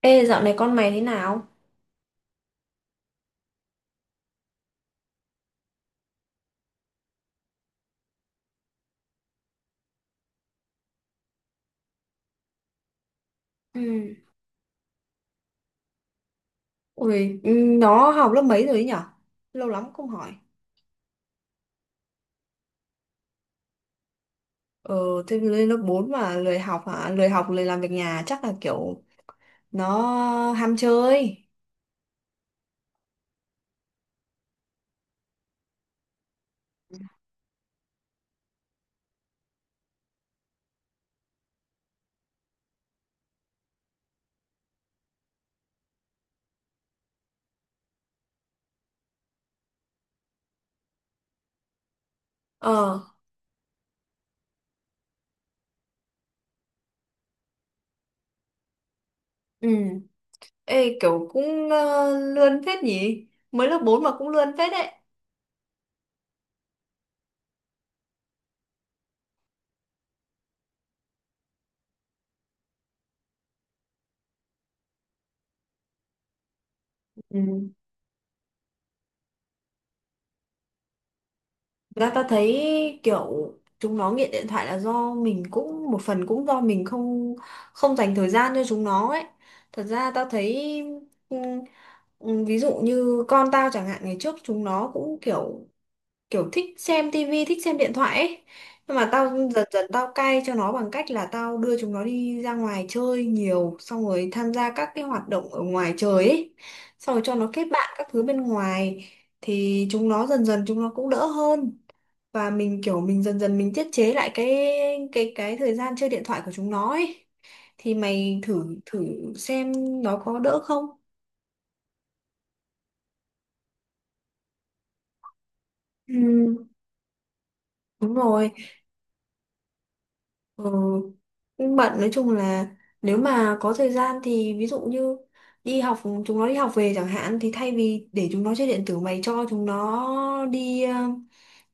Ê, dạo này con mày thế nào? Ừ. Ui, nó học lớp mấy rồi ấy nhở? Lâu lắm không hỏi. Ờ, thế lên lớp 4 mà lười học hả? Lười học, lười làm việc nhà chắc là kiểu nó ham chơi. Ờ, ừ. Ê, kiểu cũng lươn phết nhỉ? Mới lớp 4 mà cũng lươn phết đấy. Ừ. Thực ra ta thấy kiểu chúng nó nghiện điện thoại là do mình cũng một phần cũng do mình không không dành thời gian cho chúng nó ấy. Thật ra ta thấy ừ, ví dụ như con tao chẳng hạn ngày trước chúng nó cũng kiểu kiểu thích xem tivi, thích xem điện thoại ấy. Nhưng mà tao dần dần tao cai cho nó bằng cách là tao đưa chúng nó đi ra ngoài chơi nhiều, xong rồi tham gia các cái hoạt động ở ngoài trời ấy. Xong rồi cho nó kết bạn các thứ bên ngoài thì chúng nó dần dần chúng nó cũng đỡ hơn và mình kiểu mình dần dần mình tiết chế lại cái cái thời gian chơi điện thoại của chúng nó ấy thì mày thử thử xem nó có đỡ không. Ừ, đúng rồi. Ừ. Nhưng bận nói chung là nếu mà có thời gian thì ví dụ như đi học chúng nó đi học về chẳng hạn thì thay vì để chúng nó chơi điện tử mày cho chúng nó đi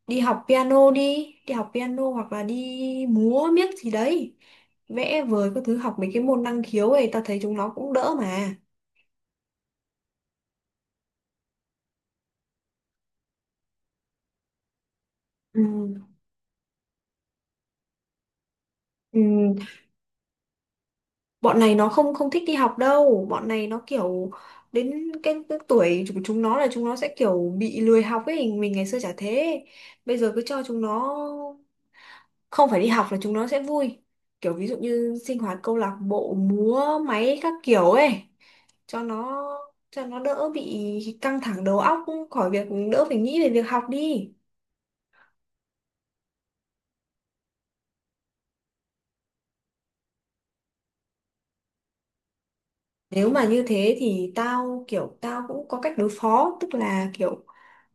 đi học piano đi đi học piano hoặc là đi múa miếc gì đấy vẽ vời các thứ học mấy cái môn năng khiếu ấy tao thấy chúng nó cũng đỡ mà. Ừ. Ừ. Bọn này nó không không thích đi học đâu bọn này nó kiểu đến cái tuổi của chúng nó là chúng nó sẽ kiểu bị lười học ấy mình ngày xưa chả thế bây giờ cứ cho chúng nó không phải đi học là chúng nó sẽ vui kiểu ví dụ như sinh hoạt câu lạc bộ múa máy các kiểu ấy cho nó cho nó đỡ bị căng thẳng đầu óc khỏi việc đỡ phải nghĩ về việc học đi. Nếu mà như thế thì tao kiểu tao cũng có cách đối phó tức là kiểu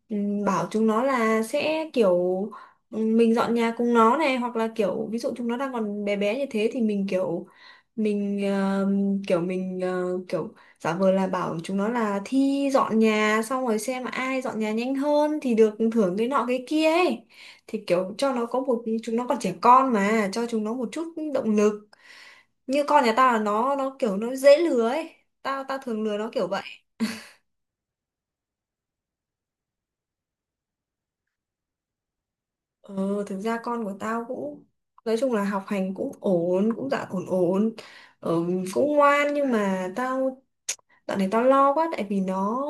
bảo chúng nó là sẽ kiểu mình dọn nhà cùng nó này hoặc là kiểu ví dụ chúng nó đang còn bé bé như thế thì mình kiểu mình kiểu mình kiểu giả vờ là bảo chúng nó là thi dọn nhà xong rồi xem ai dọn nhà nhanh hơn thì được thưởng cái nọ cái kia ấy thì kiểu cho nó có một chúng nó còn trẻ con mà cho chúng nó một chút động lực như con nhà tao là nó kiểu nó dễ lừa ấy tao tao thường lừa nó kiểu vậy. Ờ thực ra con của tao cũng nói chung là học hành cũng ổn cũng dạ ổn ổn. ờ, Cũng ngoan nhưng mà tao dạo này tao lo quá tại vì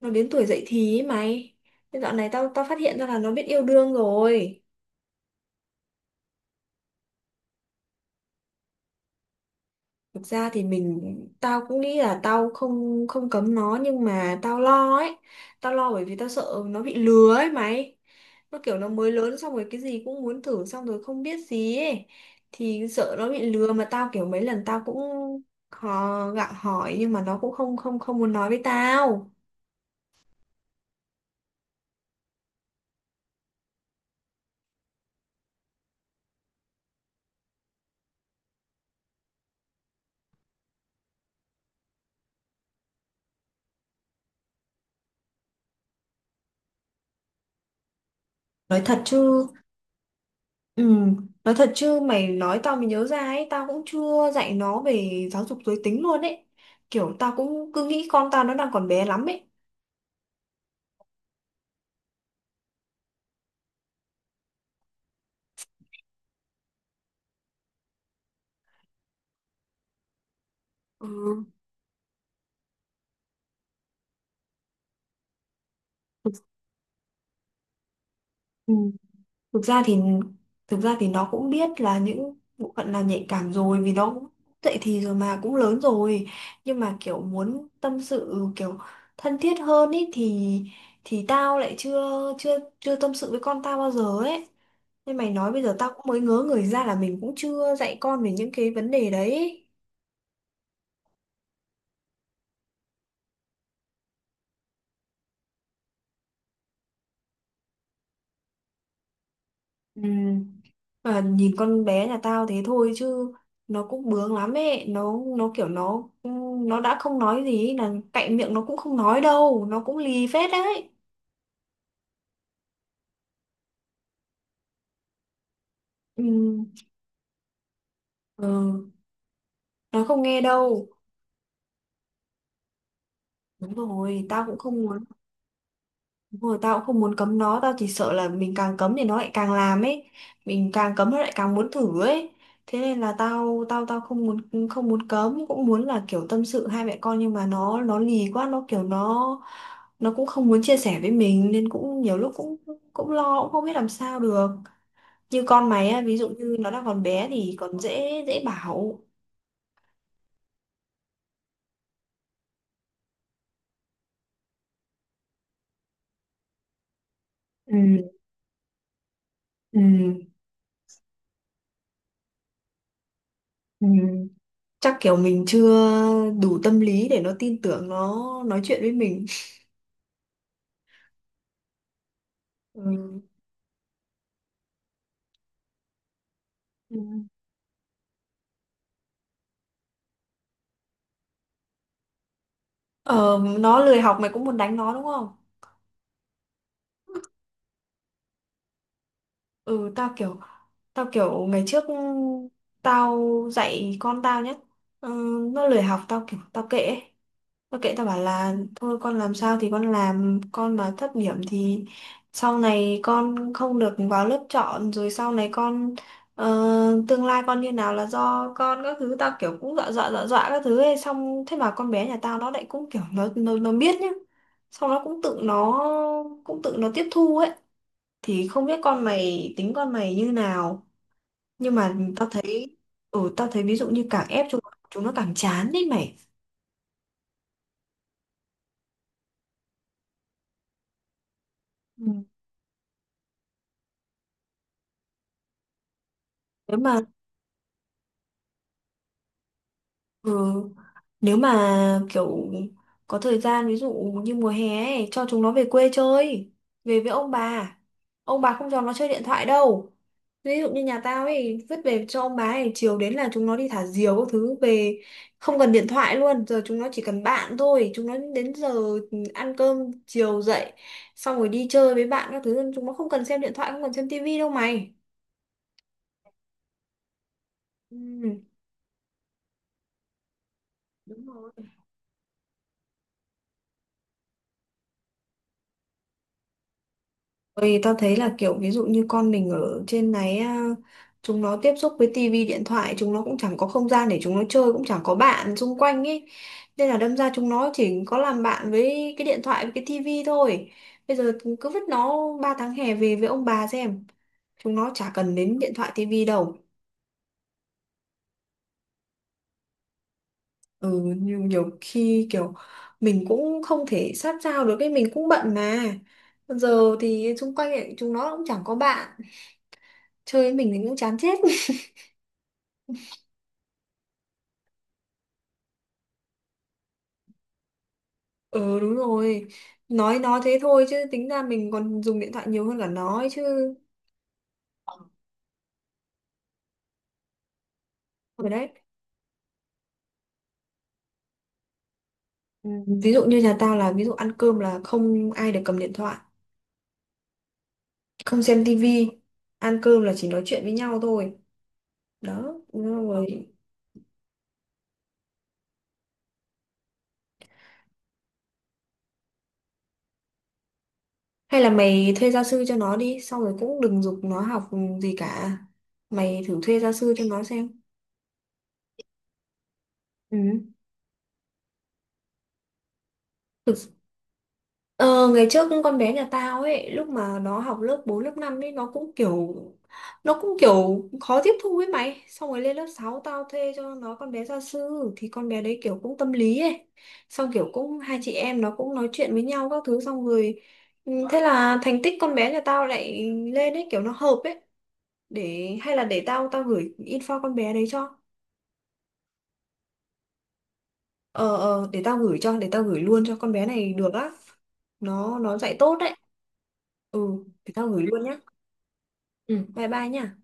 nó đến tuổi dậy thì ấy mày. Thế dạo này tao tao phát hiện ra là nó biết yêu đương rồi. Thực ra thì mình tao cũng nghĩ là tao không không cấm nó nhưng mà tao lo ấy. Tao lo bởi vì tao sợ nó bị lừa ấy mày. Nó kiểu nó mới lớn xong rồi cái gì cũng muốn thử xong rồi không biết gì ấy. Thì sợ nó bị lừa mà tao kiểu mấy lần tao cũng hò, gặng hỏi nhưng mà nó cũng không không không muốn nói với tao. Nói thật chứ ừ, nói thật chứ mày nói tao mới nhớ ra ấy, tao cũng chưa dạy nó về giáo dục giới tính luôn ấy. Kiểu tao cũng cứ nghĩ con tao nó đang còn bé lắm ấy. Ừ. thực, ừ, thực ra thì nó cũng biết là những bộ phận là nhạy cảm rồi vì nó cũng dậy thì rồi mà cũng lớn rồi nhưng mà kiểu muốn tâm sự kiểu thân thiết hơn ý thì tao lại chưa chưa chưa tâm sự với con tao bao giờ ấy nên mày nói bây giờ tao cũng mới ngớ người ra là mình cũng chưa dạy con về những cái vấn đề đấy. Ừ. Và nhìn con bé nhà tao thế thôi chứ nó cũng bướng lắm ấy nó kiểu nó đã không nói gì ấy, là cạnh miệng nó cũng không nói đâu nó cũng lì phết đấy. Ừ, ừ, nó không nghe đâu. Đúng rồi tao cũng không. Đúng rồi, tao cũng không muốn cấm nó, tao chỉ sợ là mình càng cấm thì nó lại càng làm ấy, mình càng cấm nó lại càng muốn thử ấy. Thế nên là tao tao tao không muốn cấm, cũng muốn là kiểu tâm sự hai mẹ con nhưng mà nó lì quá, nó kiểu nó cũng không muốn chia sẻ với mình nên cũng nhiều lúc cũng cũng lo cũng không biết làm sao được. Như con mày á, ví dụ như nó đang còn bé thì còn dễ dễ bảo. Ừ, ừ, ừ. Chắc kiểu mình chưa đủ tâm lý để nó tin tưởng nó nói chuyện với mình. Ừ. Ừ. Ờ, nó lười học mày cũng muốn đánh nó đúng không? Ừ, tao kiểu ngày trước tao dạy con tao nhé. Ừ, nó lười học tao kiểu tao kệ ấy. Tôi kệ tao bảo là thôi con làm sao thì con làm con mà thấp điểm thì sau này con không được vào lớp chọn rồi sau này con ờ, tương lai con như nào là do con các thứ tao kiểu cũng dọa dọa dọa dọa các thứ ấy xong thế mà con bé nhà tao nó lại cũng kiểu nó biết nhá xong nó cũng tự nó tiếp thu ấy thì không biết con mày tính con mày như nào nhưng mà tao thấy ừ tao thấy ví dụ như càng ép chúng chúng nó càng chán đấy mày. Ừ. Nếu mà. Ừ. Nếu mà kiểu có thời gian ví dụ như mùa hè ấy, cho chúng nó về quê chơi, về với ông bà. Ông bà không cho nó chơi điện thoại đâu. Ví dụ như nhà tao ấy, vứt về cho ông bà ấy, chiều đến là chúng nó đi thả diều các thứ về không cần điện thoại luôn, giờ chúng nó chỉ cần bạn thôi, chúng nó đến giờ ăn cơm chiều dậy xong rồi đi chơi với bạn các thứ, chúng nó không cần xem điện thoại, không cần xem tivi đâu mày. Ừ. Đúng rồi. Ôi, tao thấy là kiểu ví dụ như con mình ở trên này á, chúng nó tiếp xúc với tivi điện thoại chúng nó cũng chẳng có không gian để chúng nó chơi cũng chẳng có bạn xung quanh ấy nên là đâm ra chúng nó chỉ có làm bạn với cái điện thoại với cái tivi thôi bây giờ cứ vứt nó 3 tháng hè về với ông bà xem chúng nó chả cần đến điện thoại tivi đâu. Ừ nhiều khi kiểu mình cũng không thể sát sao được cái mình cũng bận mà giờ thì xung quanh ấy, chúng nó cũng chẳng có bạn chơi với mình thì cũng chán chết. Ừ đúng rồi. Nói nó thế thôi chứ tính ra mình còn dùng điện thoại nhiều hơn cả nó ấy chứ. Rồi đấy. Ừ, ví dụ như nhà tao là ví dụ ăn cơm là không ai được cầm điện thoại. Không xem tivi. Ăn cơm là chỉ nói chuyện với nhau thôi. Đó đúng rồi. Hay là mày thuê gia sư cho nó đi. Xong rồi cũng đừng giục nó học gì cả. Mày thử thuê gia sư cho nó xem. Ừ. Thực Ờ, ngày trước con bé nhà tao ấy lúc mà nó học lớp 4 lớp 5 ấy nó cũng kiểu khó tiếp thu ấy mày xong rồi lên lớp 6 tao thuê cho nó con bé gia sư thì con bé đấy kiểu cũng tâm lý ấy xong kiểu cũng hai chị em nó cũng nói chuyện với nhau các thứ xong rồi ừ, thế là thành tích con bé nhà tao lại lên ấy kiểu nó hợp ấy để hay là để tao tao gửi info con bé đấy cho. Ờ để tao gửi luôn cho con bé này được á. Nó dạy tốt đấy. Ừ để tao gửi luôn nhá. Ừ, bye bye nha.